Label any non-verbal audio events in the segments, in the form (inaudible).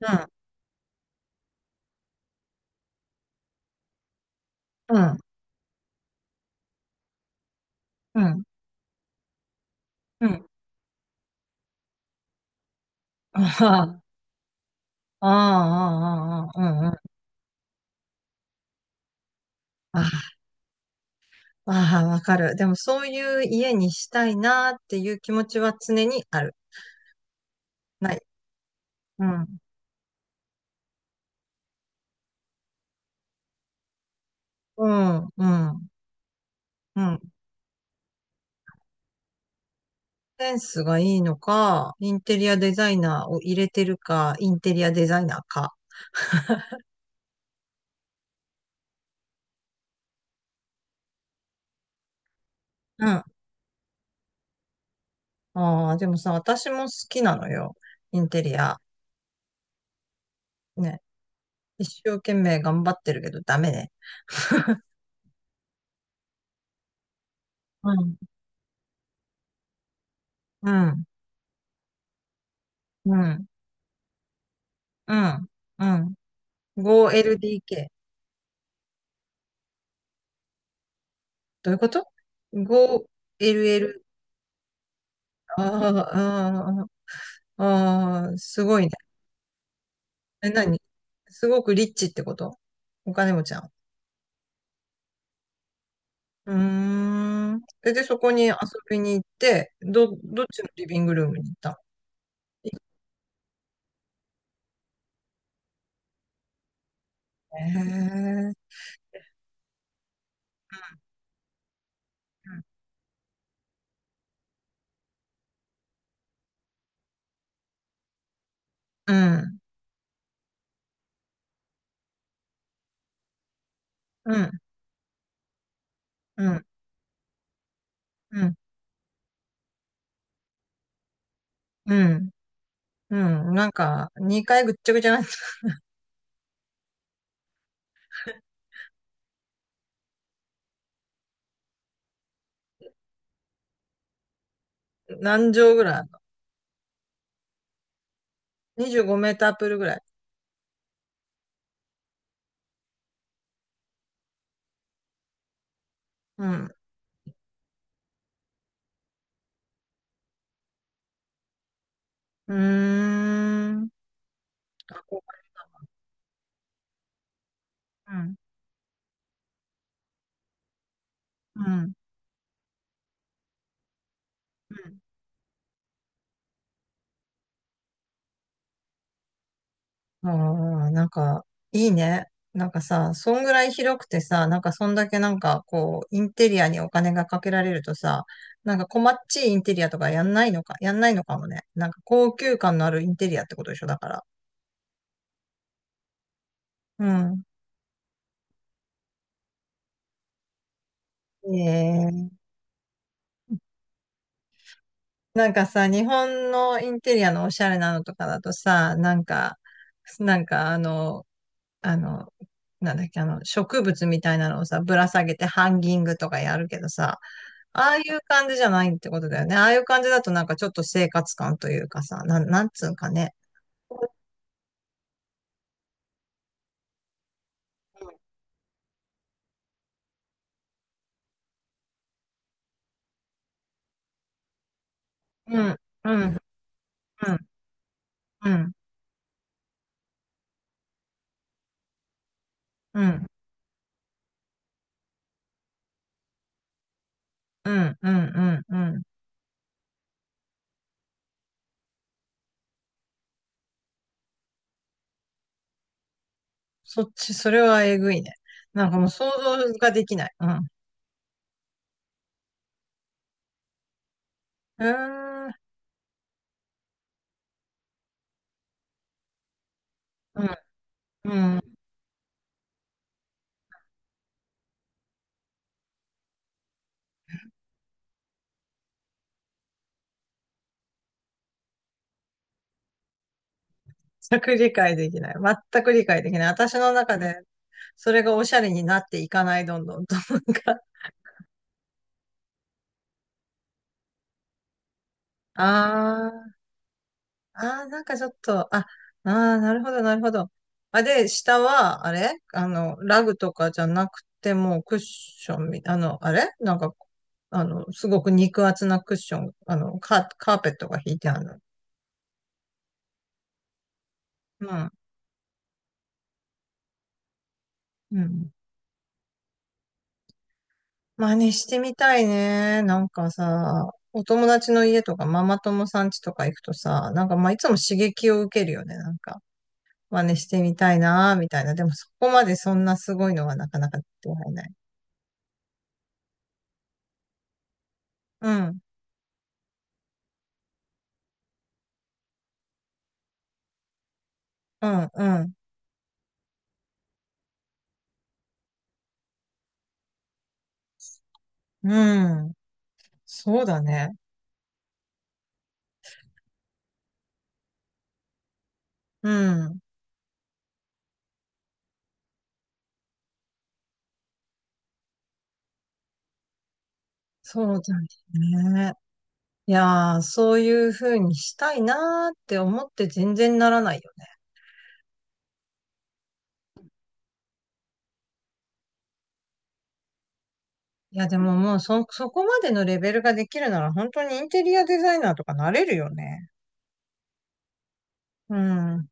うん、うん、うん、うん。(laughs) ああ、ああ、ああ、うん、うん。ああ、ああわかる。でもそういう家にしたいなっていう気持ちは常にある。ない。うん、うん、うん、うん。センスがいいのか、インテリアデザイナーを入れてるか、インテリアデザイナーか。うん。ああ、でもさ、私も好きなのよ。インテリア。ね。一生懸命頑張ってるけどダメね。うん、うん、うん、うん、うん。5LDK。どういうこと？ 5LL。ああ、ああ、ああ、すごいね。え、何？すごくリッチってこと？お金持ちなの？うーん。え、で、そこに遊びに行って、どっちのリビングルームに行ったの？へえ。うん、うん、うん、うん、うん、うん。なんか、2回ぐっちゃぐちゃな、(laughs) 何畳ぐらいあるの？ 25 メータープールぐらい。うん。うーん。あ、こう、うん、うん。うん。あー、なんか、いいね。なんかさ、そんぐらい広くてさ、なんかそんだけなんかこう、インテリアにお金がかけられるとさ、なんかこっちいインテリアとかやんないのか、やんないのかもね。なんか高級感のあるインテリアってことでしょ、だから。うん。ええ、なんかさ、日本のインテリアのおしゃれなのとかだとさ、なんか、なんかあの、あの、なんだっけ、植物みたいなのをさ、ぶら下げてハンギングとかやるけどさ、ああいう感じじゃないってことだよね。ああいう感じだとなんかちょっと生活感というかさ、なんつうんかね。うん、うん、うん、うん、うん、うん、うん、うん。うん。そっち、それはえぐいね。なんかもう想像ができない。うん。うーん、うん、うん。全く理解できない。全く理解できない。私の中で、それがおしゃれになっていかない、どんどんと。なんか、あああ、なんかちょっと、あ、ああ、なるほど、なるほど。あ、で、下は、あれあの、ラグとかじゃなくて、もうクッションみ、あの、あれなんか、あの、すごく肉厚なクッション、カーペットが敷いてある。うん。うん。真似してみたいね。なんかさ、お友達の家とかママ友さん家とか行くとさ、なんかまあいつも刺激を受けるよね。なんか、真似してみたいな、みたいな。でもそこまでそんなすごいのはなかなか出会えない。うん。うん、うん、うん。そうだね。うん。そうだね。いやー、そういう風にしたいなーって思って全然ならないよね。いや、でももうそこまでのレベルができるなら本当にインテリアデザイナーとかなれるよね。うん、うん、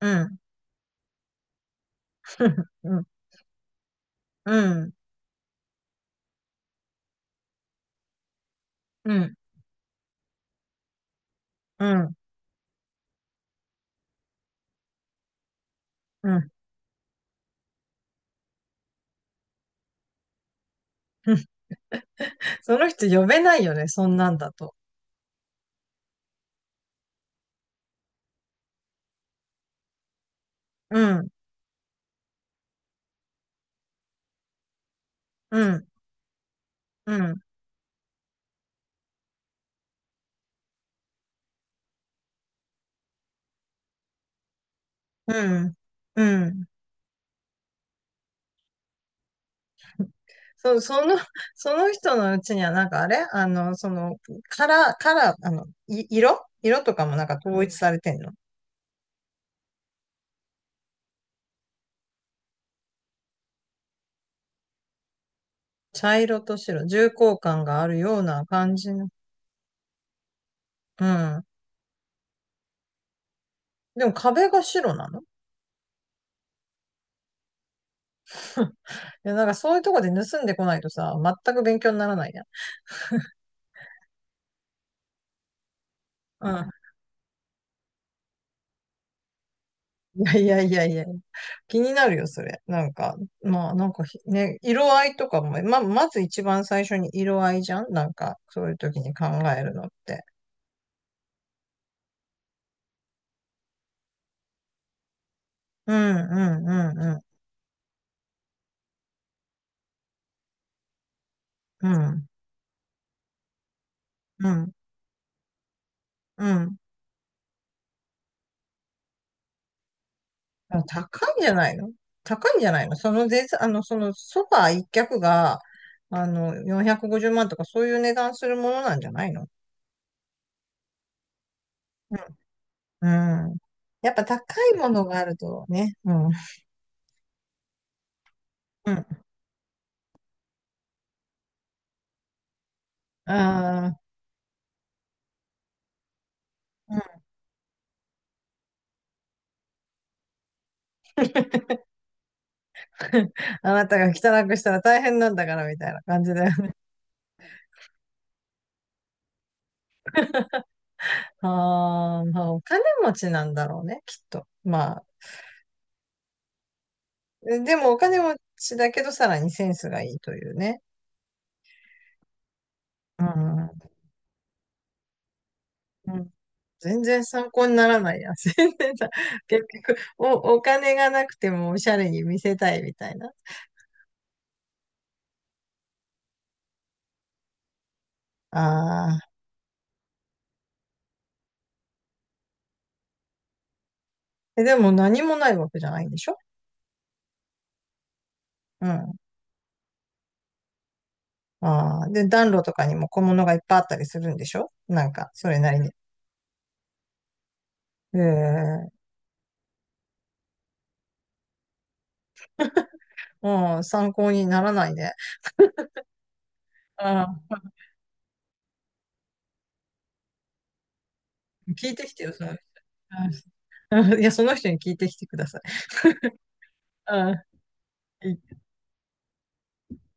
うん、うん、うん、うん、うん、うん。うん。その人呼べないよね、そんなんだと。うん、うん、うん、うん、うん。そう、(laughs) その人のうちには、なんかあれあの、その、カラー、色とかもなんか統一されてんの？茶色と白、重厚感があるような感じの。うん。でも壁が白なの？ (laughs) いや、なんかそういうとこで盗んでこないとさ、全く勉強にならないやん。うん。いやいやいやいや。気になるよ、それ。なんか、まあ、なんかひね、色合いとかも、まず一番最初に色合いじゃん、なんか、そういう時に考えるのって。うん、うん、うん、うん、うん、うん。あ、高いんじゃないの？高いんじゃないの？そのぜ、あの、そのソファー一脚が、450万とかそういう値段するものなんじゃないの？うん。うん。やっぱ高いものがあるとね。うん。うん。ああ、うん。(laughs) あなたが汚くしたら大変なんだからみたいな感じで。(laughs) ああ、まあお金持ちなんだろうね、きっと。まあ、でもお金持ちだけどさらにセンスがいいというね。うん。うん。全然参考にならないや。(laughs) 全然さ、結局、お金がなくてもおしゃれに見せたいみたいな。ああ。え、でも何もないわけじゃないんでしょ？うん。ああ。で、暖炉とかにも小物がいっぱいあったりするんでしょ？なんか、それなりに。ええ。うん、参考にならないね。ああ。聞いてきてよ、その人。うん。 (laughs) いや、その人に聞いてきてください。うん。